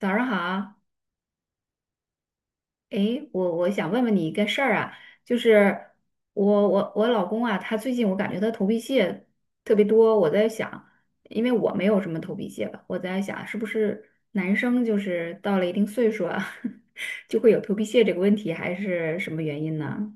早上好，我想问问你一个事儿啊，就是我老公啊，他最近我感觉他头皮屑特别多，我在想，因为我没有什么头皮屑吧，我在想是不是男生就是到了一定岁数啊，就会有头皮屑这个问题，还是什么原因呢？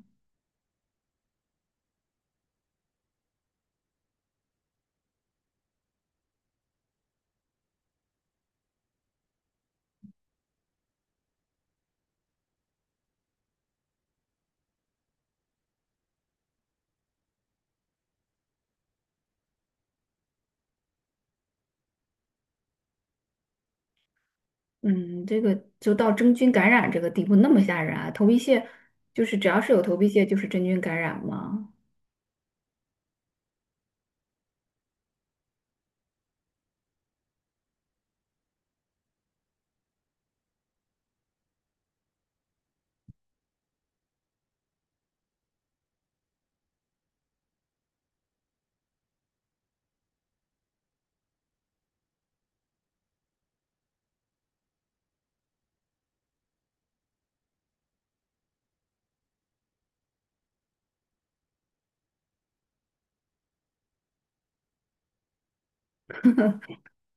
嗯，这个就到真菌感染这个地步那么吓人啊，头皮屑就是只要是有头皮屑就是真菌感染吗？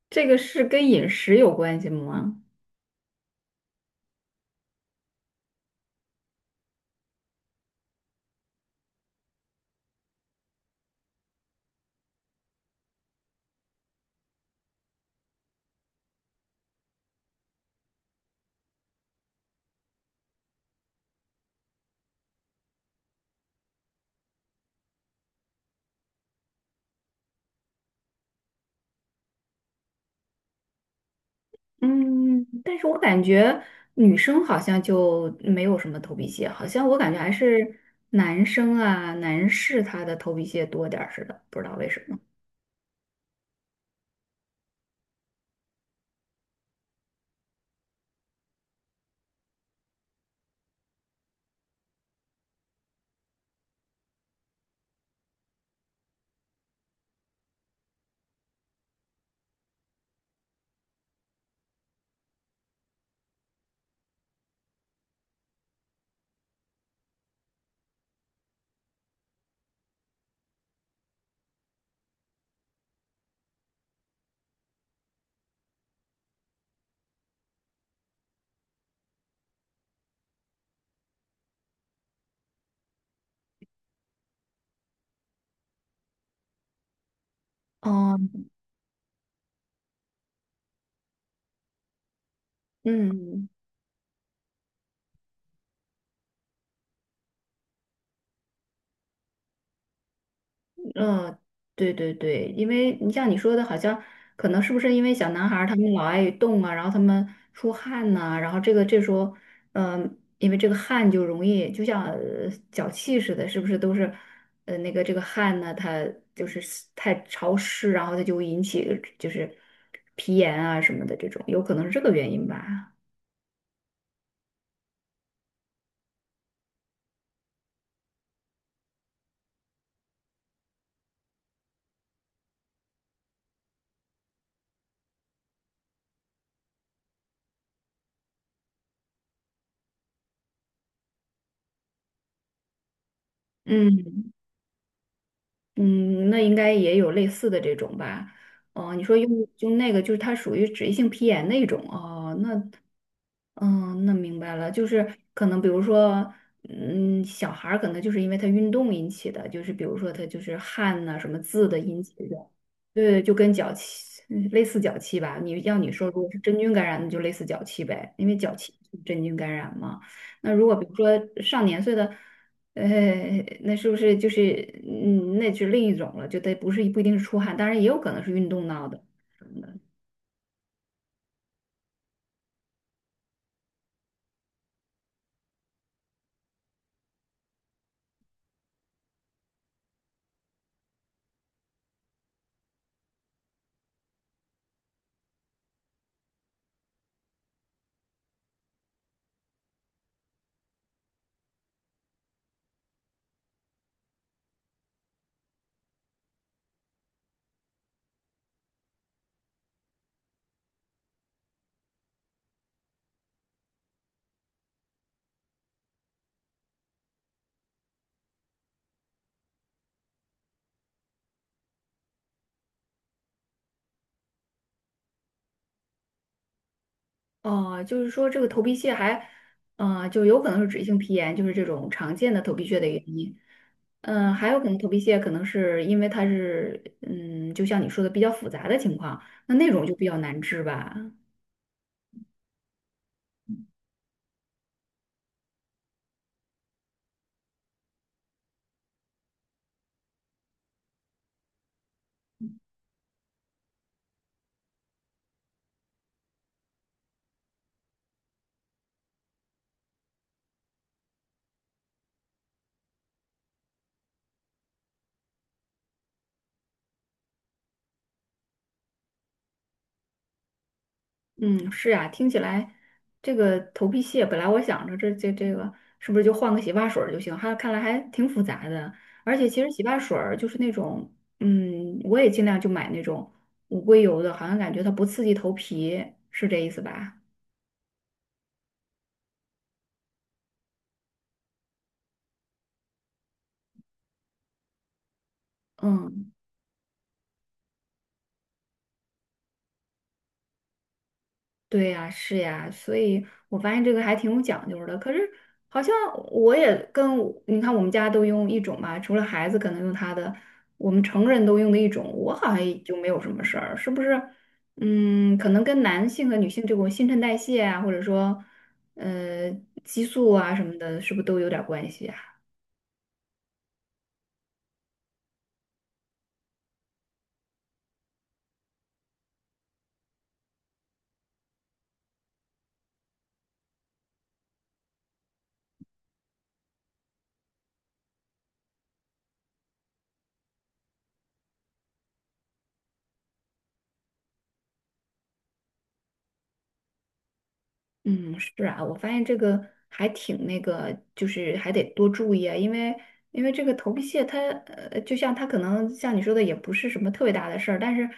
这个是跟饮食有关系吗？嗯，但是我感觉女生好像就没有什么头皮屑，好像我感觉还是男生啊，男士他的头皮屑多点儿似的，不知道为什么。哦，嗯，嗯，对对对，因为你像你说的，好像可能是不是因为小男孩儿他们老爱动啊，然后他们出汗呐、然后这个这时候，因为这个汗就容易就像脚气似的，是不是都是那个这个汗呢，它就是太潮湿，然后它就会引起就是皮炎啊什么的这种，有可能是这个原因吧。嗯嗯，那应该也有类似的这种吧？哦、你说用那个，就是它属于脂溢性皮炎那种哦，那嗯，那明白了，就是可能比如说，嗯，小孩儿可能就是因为他运动引起的，就是比如说他就是汗呐、什么渍的引起的，对，就跟脚气类似脚气吧。你说如果是真菌感染，那就类似脚气呗，因为脚气是真菌感染嘛。那如果比如说上年岁的，呃，那是不是就是嗯，那是另一种了，就得不一定是出汗，当然也有可能是运动闹的。哦，就是说这个头皮屑还，就有可能是脂溢性皮炎，就是这种常见的头皮屑的原因。嗯，还有可能头皮屑可能是因为它是，嗯，就像你说的比较复杂的情况，那那种就比较难治吧。嗯，是啊，听起来这个头皮屑本来我想着这个是不是就换个洗发水儿就行，还看来还挺复杂的。而且其实洗发水儿就是那种，嗯，我也尽量就买那种无硅油的，好像感觉它不刺激头皮，是这意思吧？嗯，对呀，是呀，所以我发现这个还挺有讲究的。可是好像我也跟我你看，我们家都用一种吧，除了孩子可能用他的，我们成人都用的一种，我好像也就没有什么事儿，是不是？嗯，可能跟男性和女性这种新陈代谢啊，或者说呃激素啊什么的，是不是都有点关系啊？嗯，是啊，我发现这个还挺那个，就是还得多注意啊，因为这个头皮屑它，就像它可能像你说的，也不是什么特别大的事儿，但是，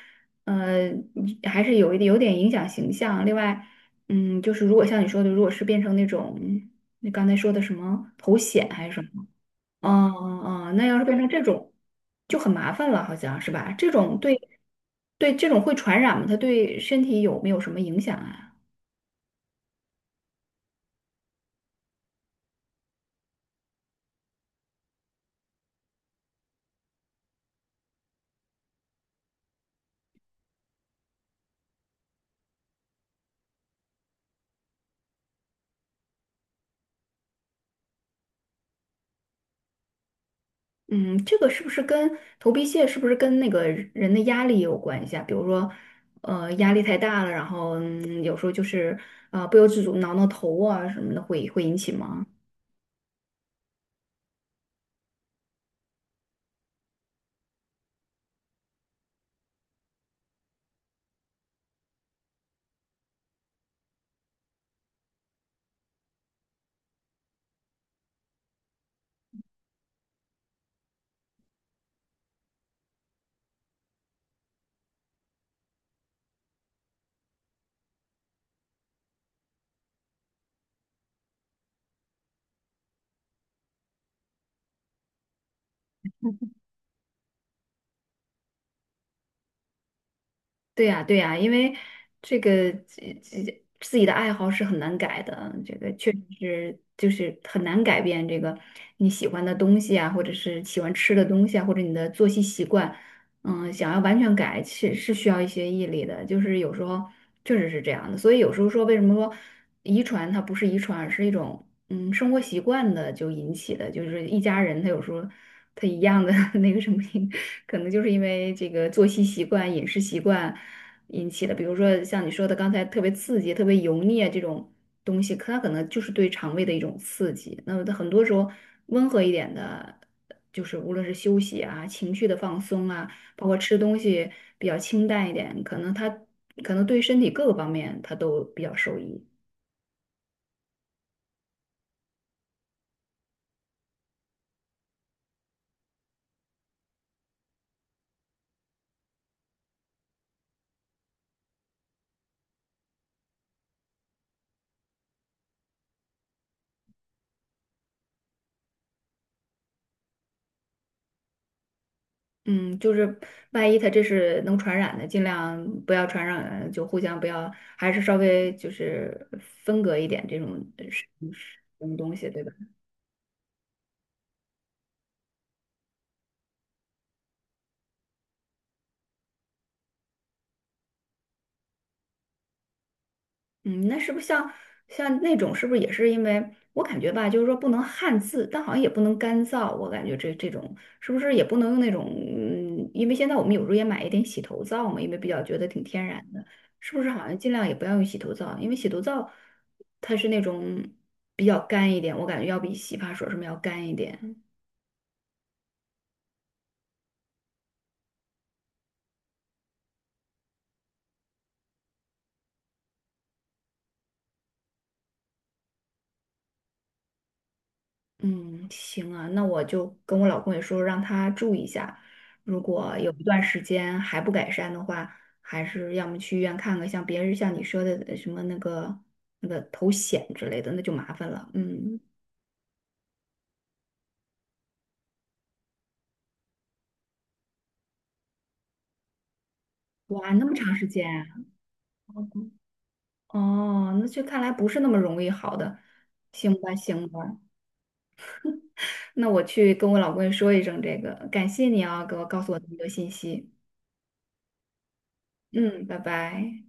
你还是有点影响形象。另外，嗯，就是如果像你说的，如果是变成那种你刚才说的什么头癣还是什么，哦哦哦，那要是变成这种，就很麻烦了，好像是吧？这种对对这种会传染吗？它对身体有没有什么影响啊？嗯，这个是不是跟头皮屑跟那个人的压力有关系啊？比如说，压力太大了，然后嗯，有时候就是不由自主挠挠头啊什么的会引起吗？对呀，对呀，因为这这自己的爱好是很难改的，这个确实是就是很难改变这个你喜欢的东西啊，或者是喜欢吃的东西啊，或者你的作息习惯。嗯，想要完全改，是需要一些毅力的，就是有时候确实是这样的。所以有时候说，为什么说遗传它不是遗传，而是一种生活习惯的就引起的，就是一家人他有时候他一样的 那个什么，可能就是因为这个作息习惯、饮食习惯引起的。比如说像你说的刚才特别刺激、特别油腻啊这种东西，可它可能就是对肠胃的一种刺激。那么它很多时候温和一点的，就是无论是休息啊、情绪的放松啊。包括吃东西比较清淡一点，可能他可能对身体各个方面他都比较受益。嗯，就是万一他这是能传染的，尽量不要传染，就互相不要，还是稍微就是分隔一点这种什么东西，对吧？嗯，那是不是像像那种，是不是也是因为我感觉吧，就是说不能汗渍，但好像也不能干燥，我感觉这种是不是也不能用那种，嗯，因为现在我们有时候也买一点洗头皂嘛，因为比较觉得挺天然的，是不是好像尽量也不要用洗头皂，因为洗头皂它是那种比较干一点，我感觉要比洗发水什么要干一点。嗯，行啊，那我就跟我老公也说，让他注意一下，如果有一段时间还不改善的话，还是要么去医院看看，像别人像你说的什么那个头癣之类的，那就麻烦了。嗯，哇，那么长时间啊哦，那这看来不是那么容易好的。行吧，行吧，那我去跟我老公也说一声这个，感谢你啊，给我告诉我这么多信息。嗯，拜拜。